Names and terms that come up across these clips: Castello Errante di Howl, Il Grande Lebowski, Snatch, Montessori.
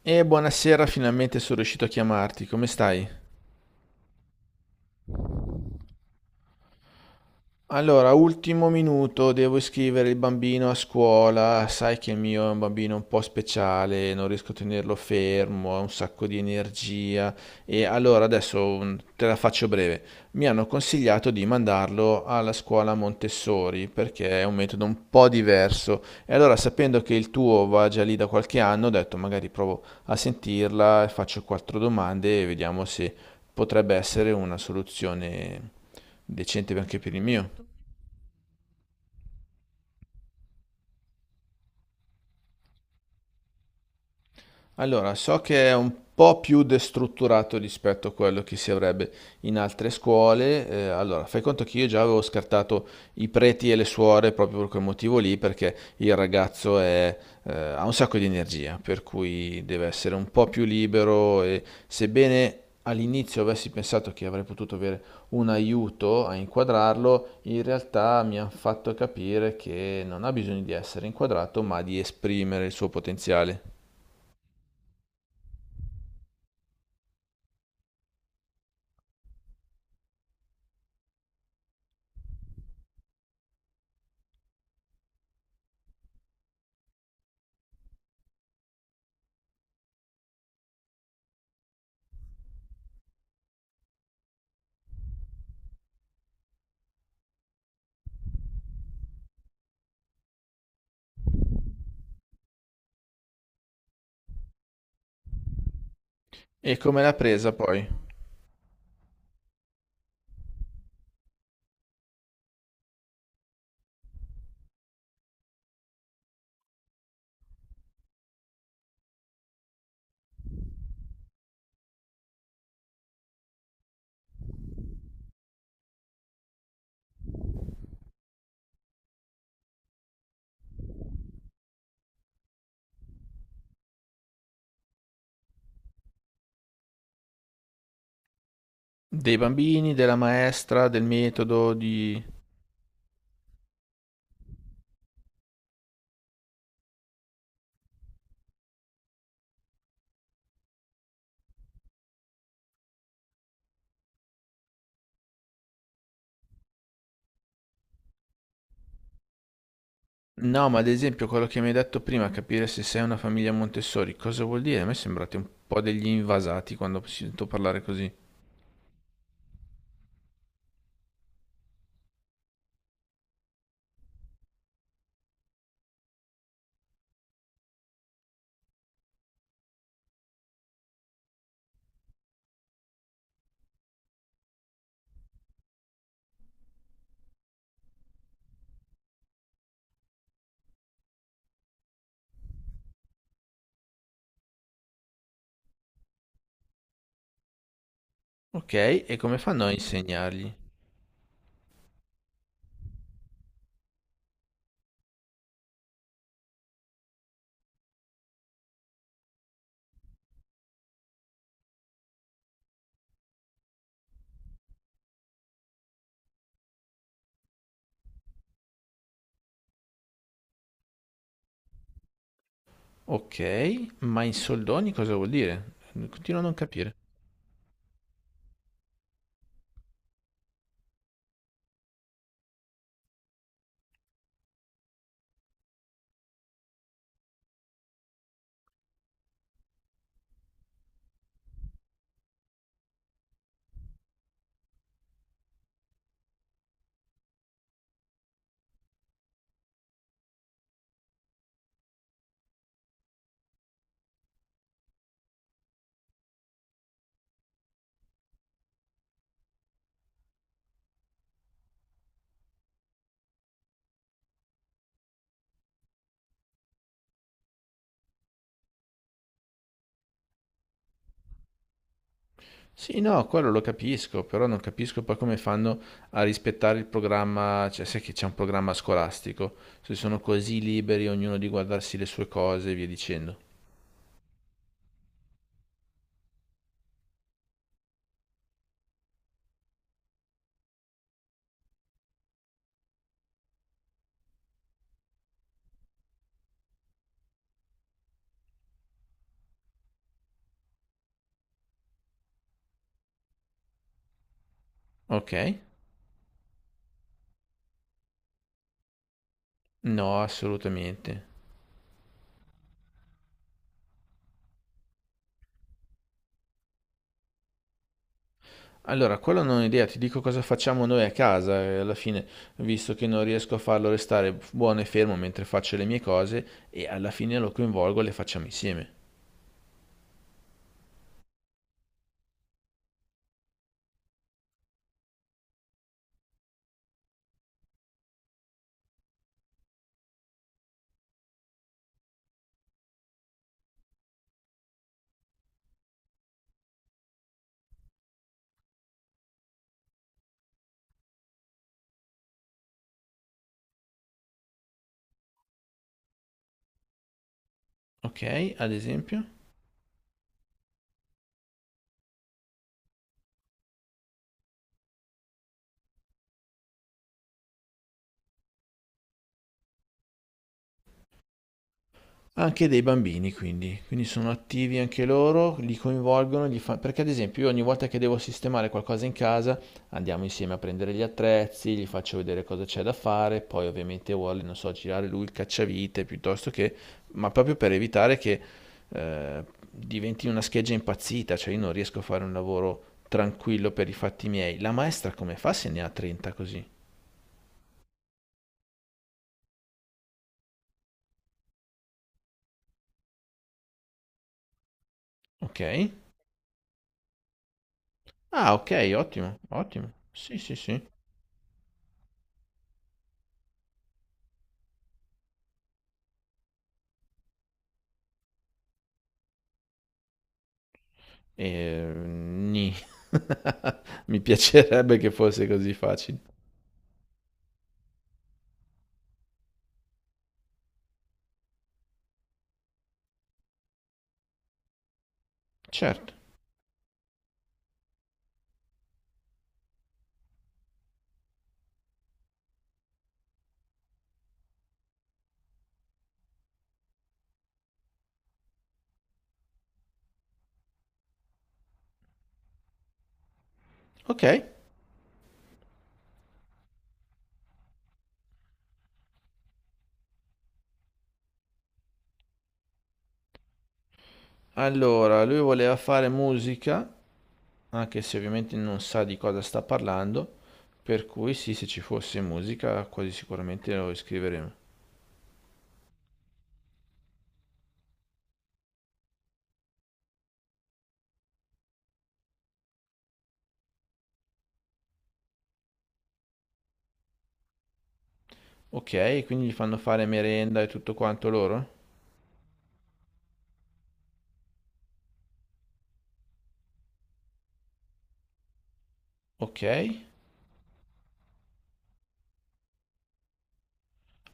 E buonasera, finalmente sono riuscito a chiamarti. Come stai? Allora, ultimo minuto, devo iscrivere il bambino a scuola. Sai che il mio è un bambino un po' speciale, non riesco a tenerlo fermo, ha un sacco di energia. E allora adesso te la faccio breve. Mi hanno consigliato di mandarlo alla scuola Montessori perché è un metodo un po' diverso. E allora, sapendo che il tuo va già lì da qualche anno, ho detto magari provo a sentirla, faccio quattro domande e vediamo se potrebbe essere una soluzione decente anche per il mio. Allora, so che è un po' più destrutturato rispetto a quello che si avrebbe in altre scuole. Allora, fai conto che io già avevo scartato i preti e le suore proprio per quel motivo lì, perché il ragazzo è, ha un sacco di energia, per cui deve essere un po' più libero e sebbene all'inizio avessi pensato che avrei potuto avere un aiuto a inquadrarlo, in realtà mi hanno fatto capire che non ha bisogno di essere inquadrato, ma di esprimere il suo potenziale. E come l'ha presa poi? Dei bambini, della maestra, del metodo, di... No, ma ad esempio quello che mi hai detto prima, capire se sei una famiglia Montessori, cosa vuol dire? A me sembrate un po' degli invasati quando sento parlare così. Ok, e come fanno a insegnargli? Ok, ma in soldoni cosa vuol dire? Continuo a non capire. Sì, no, quello lo capisco, però non capisco poi come fanno a rispettare il programma, cioè sai che c'è un programma scolastico, se sono così liberi ognuno di guardarsi le sue cose e via dicendo. Ok? No, assolutamente. Allora, quello non ho idea, ti dico cosa facciamo noi a casa, alla fine, visto che non riesco a farlo restare buono e fermo mentre faccio le mie cose e alla fine lo coinvolgo e le facciamo insieme. Ok? Ad esempio? Anche dei bambini quindi, quindi sono attivi anche loro, li coinvolgono, gli fa- perché ad esempio io ogni volta che devo sistemare qualcosa in casa andiamo insieme a prendere gli attrezzi, gli faccio vedere cosa c'è da fare, poi ovviamente vuole, non so, girare lui il cacciavite piuttosto che, ma proprio per evitare che eh, diventi una scheggia impazzita, cioè io non riesco a fare un lavoro tranquillo per i fatti miei. La maestra come fa se ne ha 30 così? Ok? Ah, ok, ottimo, ottimo. Sì, sì, sì. E... nì. Mi piacerebbe che fosse così facile. Certo. Ok. Allora, lui voleva fare musica, anche se ovviamente non sa di cosa sta parlando, per cui sì, se ci fosse musica, quasi sicuramente lo iscriveremo. Ok, quindi gli fanno fare merenda e tutto quanto loro? Ok.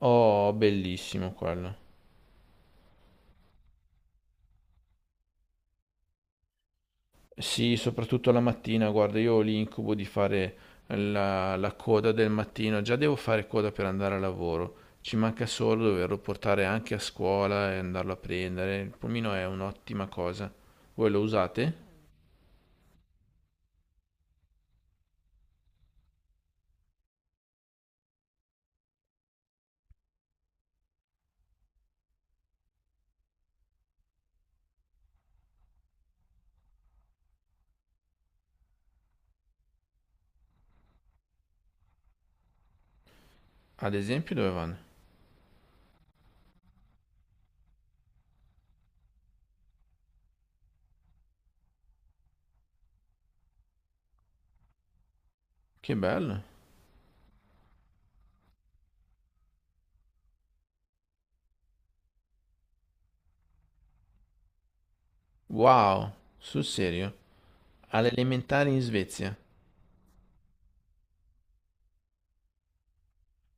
Oh, bellissimo quello. Sì, soprattutto la mattina, guarda, io ho l'incubo di fare la, la coda del mattino, già devo fare coda per andare a lavoro, ci manca solo doverlo portare anche a scuola e andarlo a prendere, il pulmino è un'ottima cosa. Voi lo usate? Ad esempio dove vanno? Che bello! Wow, sul serio, alle elementari in Svezia.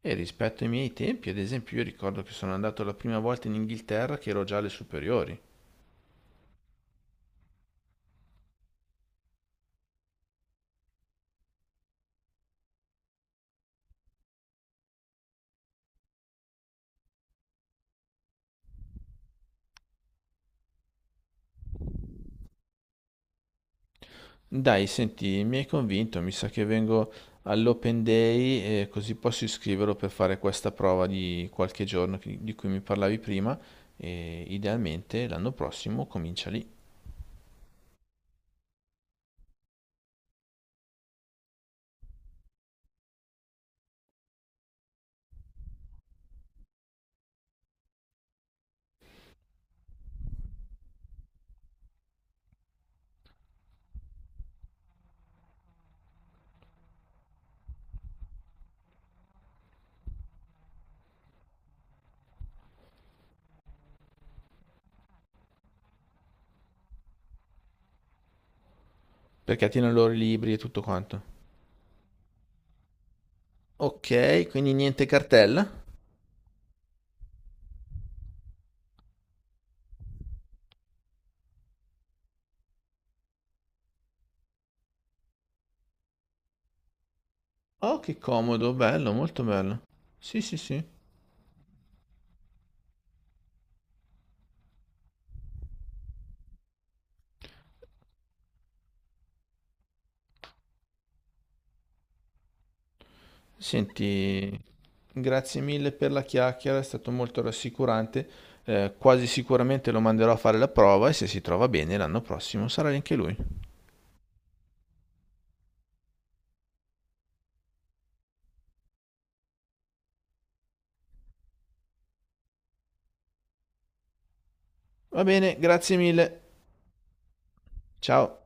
E rispetto ai miei tempi, ad esempio, io ricordo che sono andato la prima volta in Inghilterra che ero già alle superiori. Dai, senti, mi hai convinto, mi sa che vengo all'Open Day e così posso iscriverlo per fare questa prova di qualche giorno che- di cui mi parlavi prima e idealmente l'anno prossimo comincia lì, perché tiene loro i libri e tutto quanto. Ok, quindi niente cartella? Oh, che comodo, bello, molto bello. Sì, sì, sì. Senti, grazie mille per la chiacchiera, è stato molto rassicurante. Quasi sicuramente lo manderò a fare la prova e se si trova bene l'anno prossimo sarà anche lui. Va bene, grazie mille. Ciao.